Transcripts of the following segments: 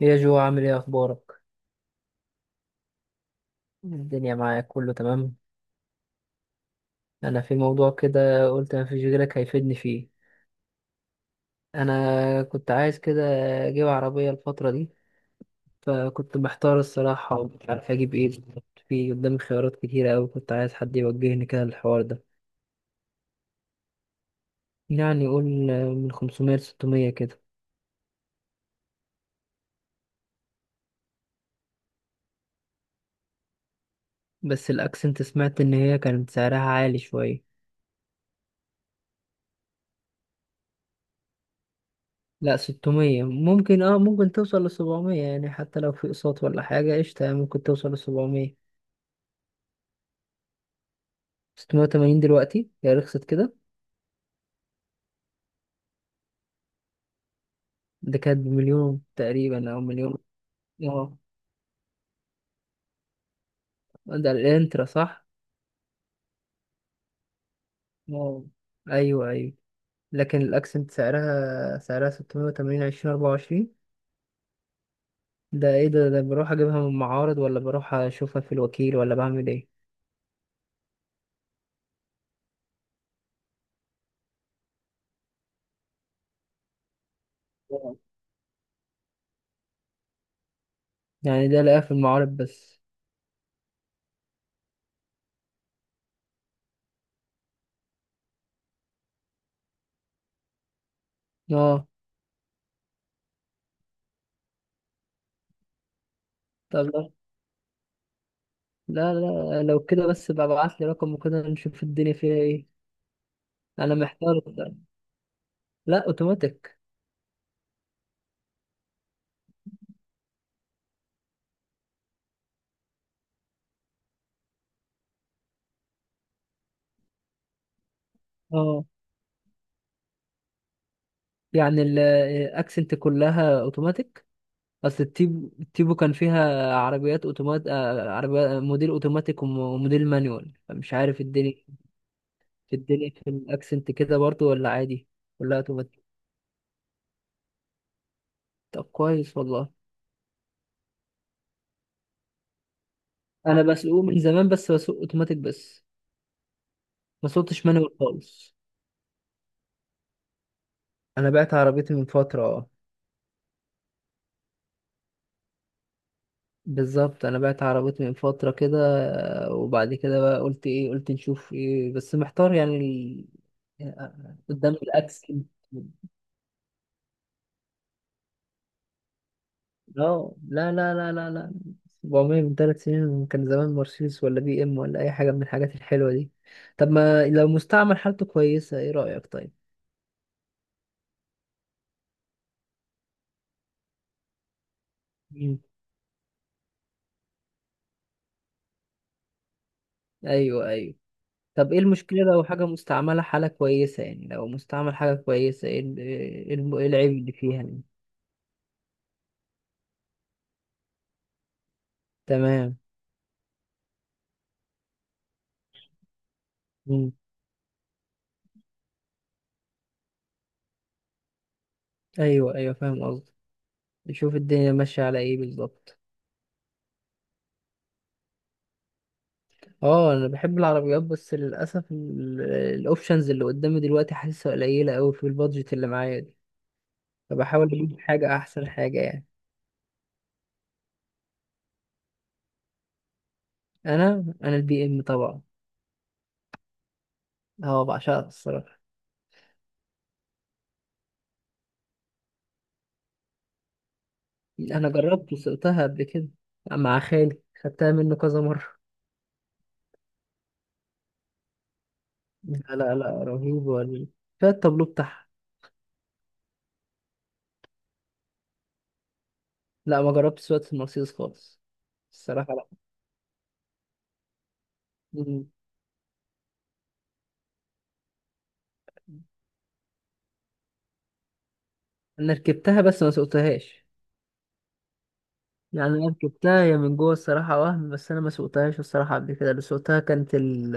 يا جو، عامل ايه؟ اخبارك. الدنيا معاك كله تمام. انا في موضوع كده، قلت ما فيش غيرك هيفيدني فيه. انا كنت عايز كده اجيب عربية الفترة دي، فكنت محتار الصراحة ومش عارف اجيب ايه بالظبط. في قدامي خيارات كتيرة اوي، كنت عايز حد يوجهني كده للحوار ده. يعني قول من 500 ل 600 كده. بس الاكسنت سمعت ان هي كانت سعرها عالي شوية. لا 600 ممكن، ممكن توصل ل 700، يعني حتى لو في اقساط ولا حاجة قشطة، يعني ممكن توصل ل 700. 680 دلوقتي هي رخصت كده؟ ده كانت بمليون تقريبا او مليون. اه. ده الانترا صح؟ اه، ايوه ايوه. لكن الاكسنت سعرها 680 2024. ده ايه ده بروح اجيبها من المعارض ولا بروح اشوفها في الوكيل ولا بعمل ايه؟ آه. يعني ده لاقيها في المعارض بس؟ اه. طب لا، لا لا، لو كده بس بقى ابعت لي رقم، وكده نشوف الدنيا فيها ايه. انا محتار. لا، اوتوماتيك. اه. يعني الاكسنت كلها اوتوماتيك؟ اصل التيبو كان فيها عربيات اوتومات آه، عربيات موديل اوتوماتيك، وموديل مانيوال، فمش عارف الدنيا في الدنيا في الاكسنت كده برضو ولا عادي ولا اوتوماتيك. طب كويس والله. انا بسوق من زمان، بس بسوق اوتوماتيك بس. ما سوقتش مانيوال خالص. انا بعت عربيتي من فترة، اه. بالظبط، انا بعت عربيتي من فترة كده. آه. وبعد كده بقى قلت ايه؟ قلت نشوف ايه، بس محتار يعني آه، قدام الاكسنت. اه، لا لا لا لا لا. 400 من 3 سنين كان زمان مرسيدس، ولا بي ام، ولا اي حاجه من الحاجات الحلوه دي. طب ما لو مستعمل حالته كويسه، ايه رايك طيب؟ مم. ايوه ايوه. طب ايه المشكله لو حاجه مستعمله حاله كويسه؟ يعني لو مستعمل حاجه كويسه، ايه إيه إيه العيب اللي فيها يعني؟ تمام. مم. ايوه ايوه، فاهم قصدي. نشوف الدنيا ماشيه على ايه بالظبط. اه. انا بحب العربيات، بس للاسف الاوبشنز اللي قدامي دلوقتي حاسسها قليله قوي في البادجت اللي معايا دي، فبحاول اجيب حاجه، احسن حاجه يعني. انا البي ام طبعا. اه، بعشقها الصراحه. انا جربت وسقتها قبل كده، مع خالي خدتها منه كذا مره لا لا لا، رهيب ولا. فيها التابلو بتاعها. لا، ما جربتش سواقة المرسيدس خالص. الصراحه لا. مم. انا ركبتها بس ما سوقتهاش. يعني انا ركبتها هي من جوه الصراحه وهم، بس انا ما سوقتهاش الصراحه قبل كده. اللي سوقتها كانت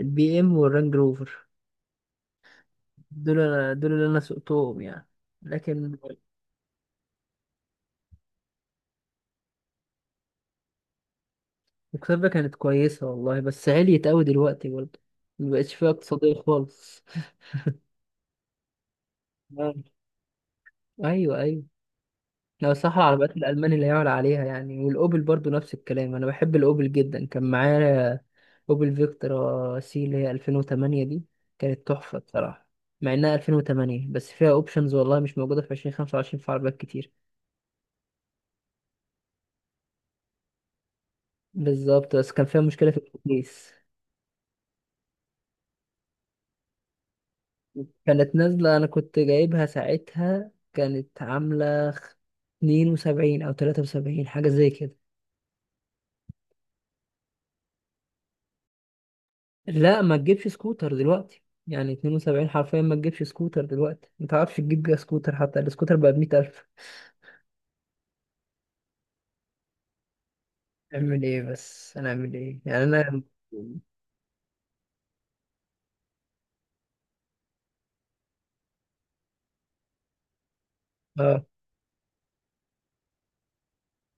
البي ام والرانج روفر. دول انا، دول اللي انا سوقتهم يعني. لكن الكسبة كانت كويسة والله، بس عليت أوي دلوقتي برضه، مبقتش فيها اقتصادية خالص. آه. أيوه أيوه. لو صح العربيات الألماني اللي يعلى عليها يعني. والأوبل برضه نفس الكلام، أنا بحب الأوبل جدا. كان معايا أوبل فيكتورا سي اللي هي 2008 دي، كانت تحفة بصراحة، مع إنها 2008 بس فيها أوبشنز والله مش موجودة في 2025 في عربيات كتير. بالظبط، بس كان فيها مشكلة في التكييف. كانت نازلة، أنا كنت جايبها ساعتها كانت عاملة 72 أو 73، حاجة زي كده. لا، ما تجيبش سكوتر دلوقتي يعني. 72 حرفيا ما تجيبش سكوتر دلوقتي، ما تعرفش تجيب بيها سكوتر، حتى السكوتر بقى بـ100 ألف. أعمل إيه بس؟ أنا أعمل إيه يعني؟ أنا آه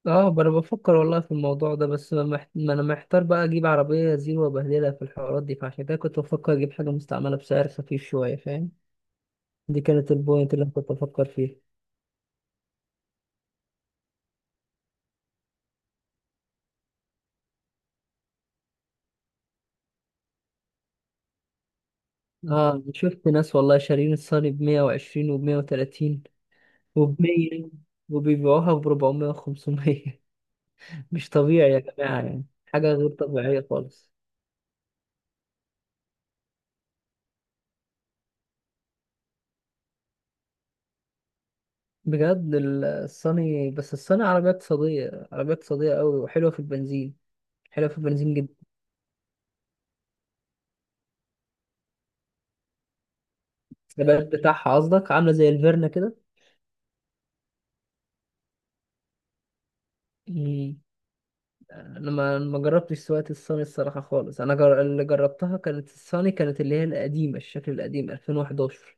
آه أنا بفكر والله في الموضوع ده، بس ما أنا محتار بقى. أجيب عربية زيرو وأبهدلها في الحوارات دي، فعشان كده كنت بفكر أجيب حاجة مستعملة بسعر خفيف شوية، فاهم. دي كانت البوينت اللي أنا كنت بفكر فيها. اه، شفت ناس والله شارين الصيني ب 120 وب 130 وب 100، وبيبيعوها ب 400 و500 مش طبيعي يا جماعة، يعني حاجة غير طبيعية خالص. بجد الصيني، بس الصيني عربية اقتصادية، عربية اقتصادية قوي وحلوة في البنزين. حلوة في البنزين جدا. الثبات بتاعها قصدك، عاملة زي الفيرنا كده. مم. انا ما جربتش سواقة الصيني الصراحة خالص. انا اللي جربتها كانت الصيني، كانت اللي هي القديمة، الشكل القديم 2011.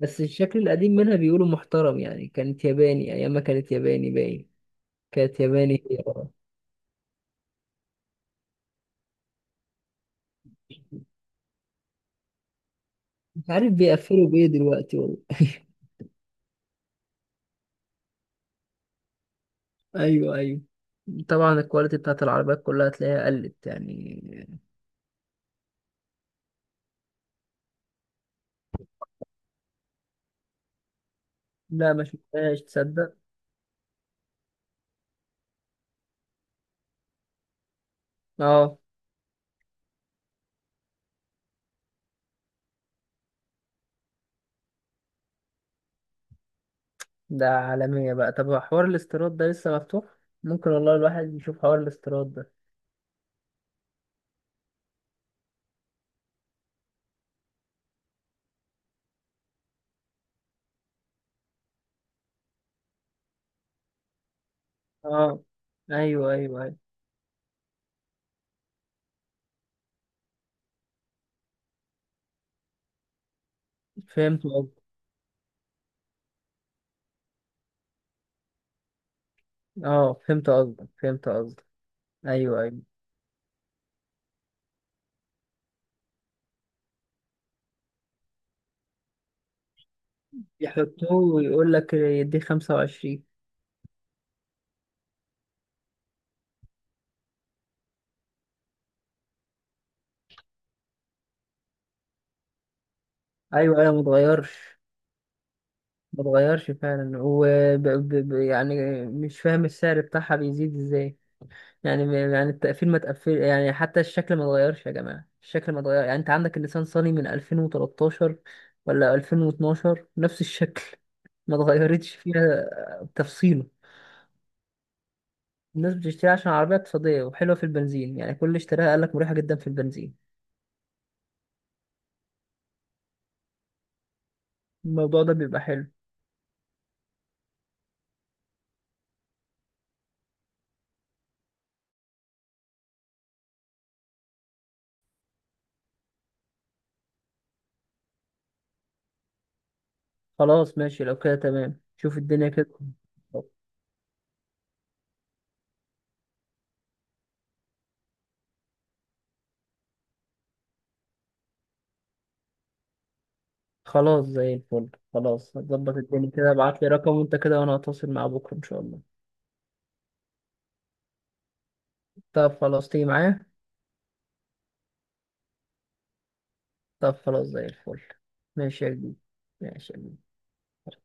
بس الشكل القديم منها بيقولوا محترم، يعني كانت ياباني ايام ما كانت ياباني باين. كانت ياباني هي آه. مش عارف بيقفلوا بايه دلوقتي والله ايوه ايوه. طبعا الكواليتي بتاعت العربيات كلها هتلاقيها قلت يعني. لا، ما شفتهاش تصدق. اه. ده عالمية بقى. طب هو حوار الاستيراد ده لسه مفتوح؟ ممكن والله الواحد يشوف حوار الاستيراد ده. اه، ايوه ايوه ايوه، فهمت قصدك. اه، فهمت قصدك، فهمت قصدك. ايوه ايوه. يحطوه ويقول لك يديه 25. ايوه ايوه، ما اتغيرش. ما اتغيرش فعلا، ب... يعني مش فاهم السعر بتاعها بيزيد ازاي. يعني يعني التقفيل ما تقفل يعني. حتى الشكل ما اتغيرش يا جماعه، الشكل ما اتغير. يعني انت عندك اللسان صيني من 2013 ولا 2012، نفس الشكل، ما اتغيرتش فيها تفصيله. الناس بتشتري عشان عربيه اقتصاديه وحلوه في البنزين يعني. كل اللي اشتراها قال لك مريحه جدا في البنزين. الموضوع ده بيبقى حلو. خلاص، ماشي. لو كده تمام، شوف الدنيا كده. خلاص، زي الفل. خلاص، هظبط الدنيا كده. ابعت لي رقم وانت كده، وانا هتواصل مع بكره ان شاء الله. طب خلاص، تيجي معايا؟ طب خلاص زي الفل. ماشي يا جديد. ماشي يا جديد.